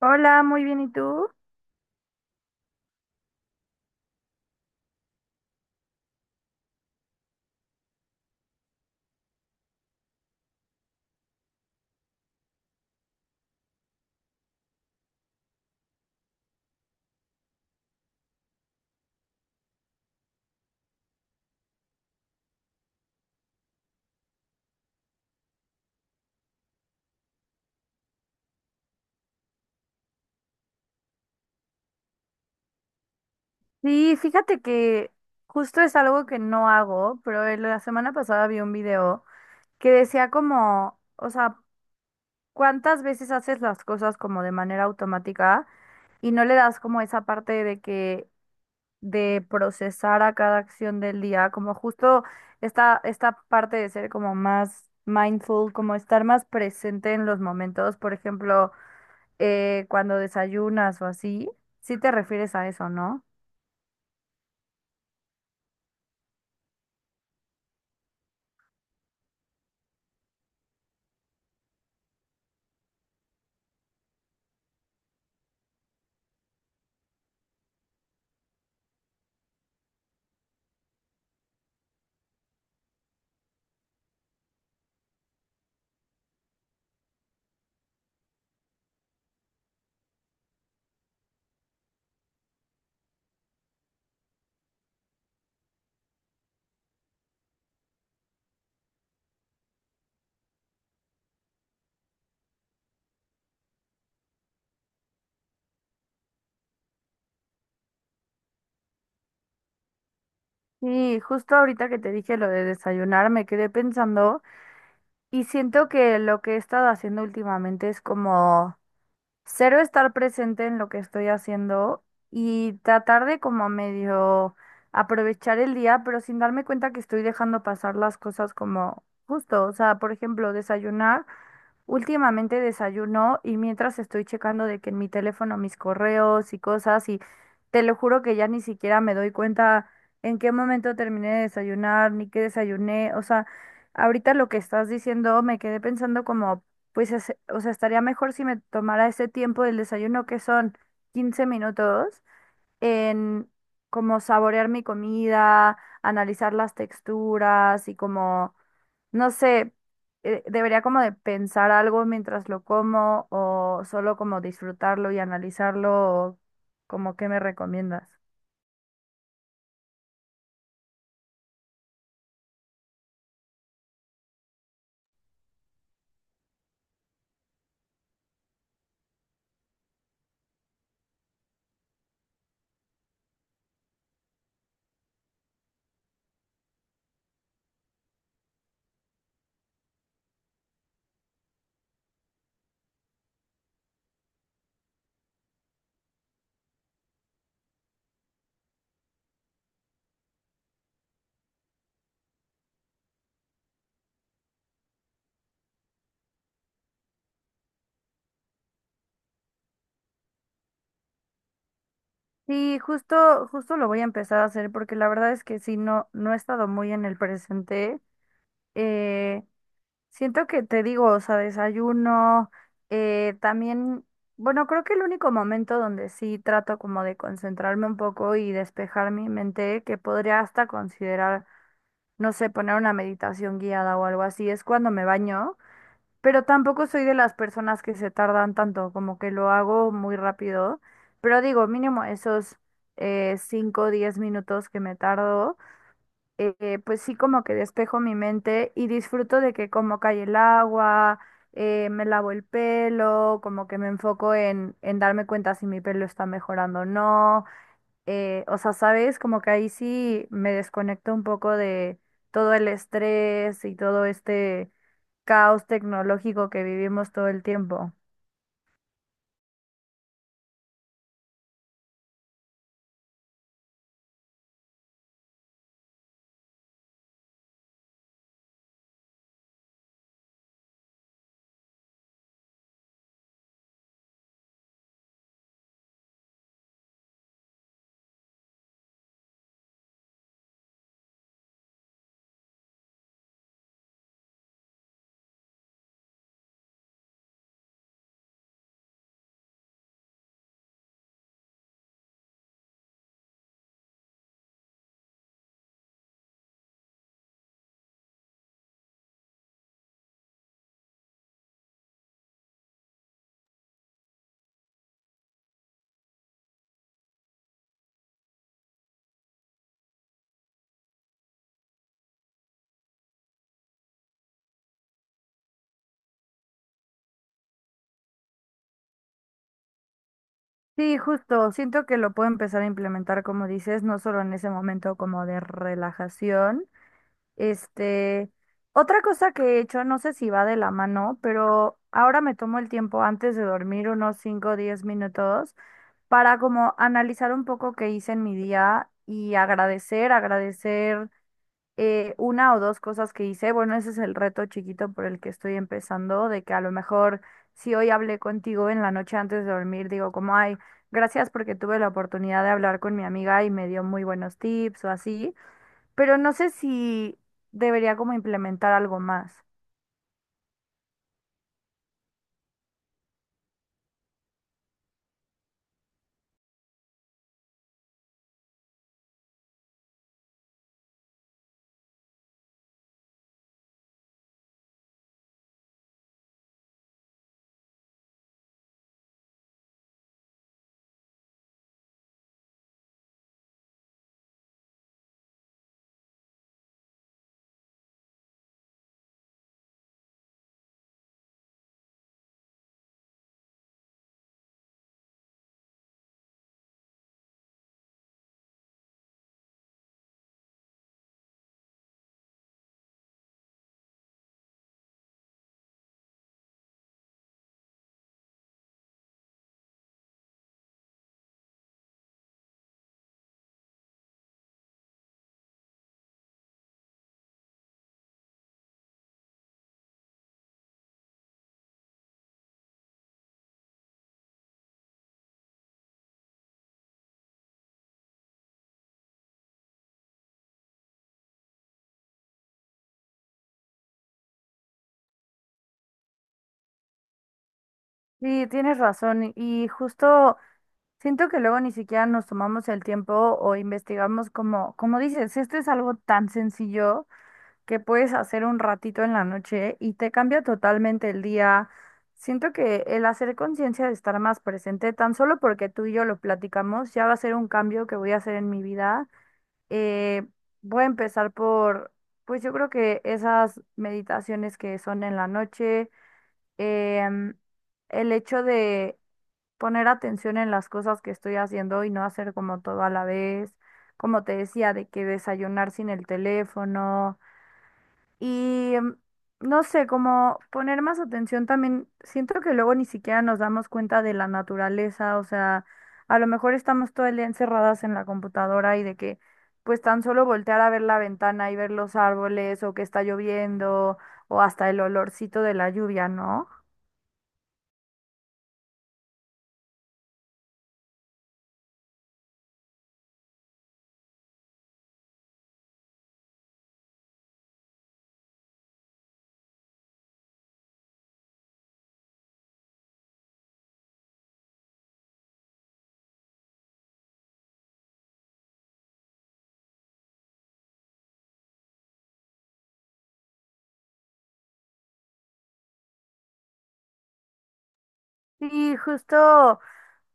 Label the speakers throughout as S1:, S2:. S1: Hola, muy bien, ¿y tú? Sí, fíjate que justo es algo que no hago, pero en la semana pasada vi un video que decía como, o sea, cuántas veces haces las cosas como de manera automática y no le das como esa parte de procesar a cada acción del día, como justo esta parte de ser como más mindful, como estar más presente en los momentos, por ejemplo, cuando desayunas o así, sí te refieres a eso, ¿no? Sí, justo ahorita que te dije lo de desayunar, me quedé pensando y siento que lo que he estado haciendo últimamente es como cero estar presente en lo que estoy haciendo y tratar de como medio aprovechar el día, pero sin darme cuenta que estoy dejando pasar las cosas como justo, o sea, por ejemplo, desayunar. Últimamente desayuno y mientras estoy checando de que en mi teléfono mis correos y cosas y te lo juro que ya ni siquiera me doy cuenta en qué momento terminé de desayunar ni qué desayuné. O sea, ahorita lo que estás diciendo me quedé pensando como, pues, o sea, estaría mejor si me tomara ese tiempo del desayuno que son 15 minutos en como saborear mi comida, analizar las texturas y como, no sé, debería como de pensar algo mientras lo como o solo como disfrutarlo y analizarlo, o como qué me recomiendas. Sí, justo, lo voy a empezar a hacer porque la verdad es que sí, no, no he estado muy en el presente. Eh, Siento que te digo, o sea, desayuno, también, bueno, creo que el único momento donde sí trato como de concentrarme un poco y despejar mi mente, que podría hasta considerar, no sé, poner una meditación guiada o algo así, es cuando me baño, pero tampoco soy de las personas que se tardan tanto, como que lo hago muy rápido, pero digo, mínimo esos 5 o 10 minutos que me tardo, pues sí como que despejo mi mente y disfruto de que como cae el agua, me lavo el pelo, como que me enfoco en darme cuenta si mi pelo está mejorando o no. O sea, ¿sabes? Como que ahí sí me desconecto un poco de todo el estrés y todo este caos tecnológico que vivimos todo el tiempo. Sí, justo, siento que lo puedo empezar a implementar, como dices, no solo en ese momento como de relajación. Este, otra cosa que he hecho, no sé si va de la mano, pero ahora me tomo el tiempo antes de dormir, unos 5 o 10 minutos, para como analizar un poco qué hice en mi día y agradecer, agradecer una o dos cosas que hice. Bueno, ese es el reto chiquito por el que estoy empezando, de que a lo mejor si hoy hablé contigo en la noche antes de dormir, digo como, ay, gracias porque tuve la oportunidad de hablar con mi amiga y me dio muy buenos tips o así, pero no sé si debería como implementar algo más. Sí, tienes razón y justo siento que luego ni siquiera nos tomamos el tiempo o investigamos como, como dices, esto es algo tan sencillo que puedes hacer un ratito en la noche y te cambia totalmente el día. Siento que el hacer conciencia de estar más presente, tan solo porque tú y yo lo platicamos, ya va a ser un cambio que voy a hacer en mi vida. Eh, Voy a empezar por, pues yo creo que esas meditaciones que son en la noche, em, el hecho de poner atención en las cosas que estoy haciendo y no hacer como todo a la vez, como te decía, de que desayunar sin el teléfono y, no sé, como poner más atención también, siento que luego ni siquiera nos damos cuenta de la naturaleza, o sea, a lo mejor estamos todo el día encerradas en la computadora y de que pues tan solo voltear a ver la ventana y ver los árboles o que está lloviendo o hasta el olorcito de la lluvia, ¿no? Sí, justo,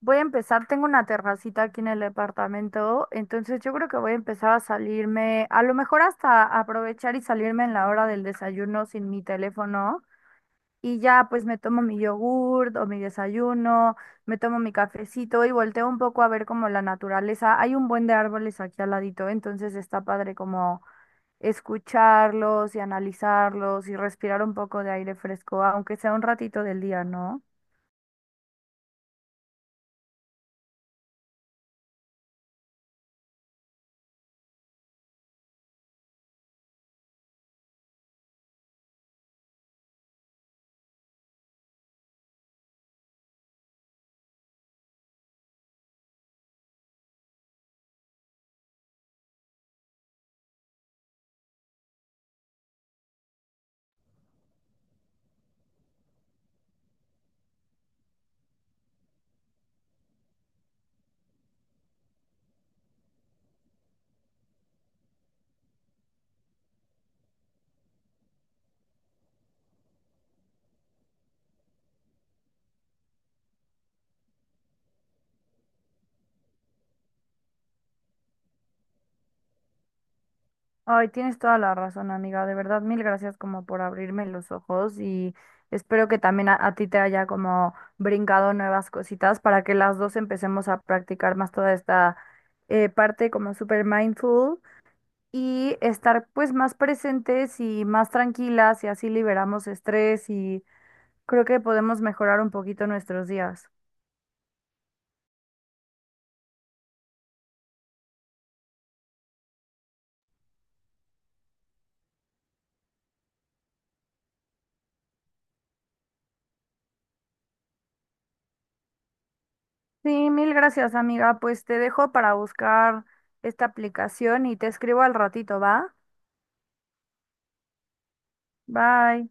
S1: voy a empezar, tengo una terracita aquí en el departamento, entonces yo creo que voy a empezar a salirme, a lo mejor hasta aprovechar y salirme en la hora del desayuno sin mi teléfono y ya pues me tomo mi yogurt o mi desayuno, me tomo mi cafecito y volteo un poco a ver como la naturaleza. Hay un buen de árboles aquí al ladito, entonces está padre como escucharlos y analizarlos y respirar un poco de aire fresco, aunque sea un ratito del día, ¿no? Ay, tienes toda la razón, amiga. De verdad, mil gracias como por abrirme los ojos y espero que también a ti te haya como brincado nuevas cositas para que las dos empecemos a practicar más toda esta parte como super mindful y estar pues más presentes y más tranquilas y así liberamos estrés y creo que podemos mejorar un poquito nuestros días. Sí, mil gracias, amiga. Pues te dejo para buscar esta aplicación y te escribo al ratito, ¿va? Bye.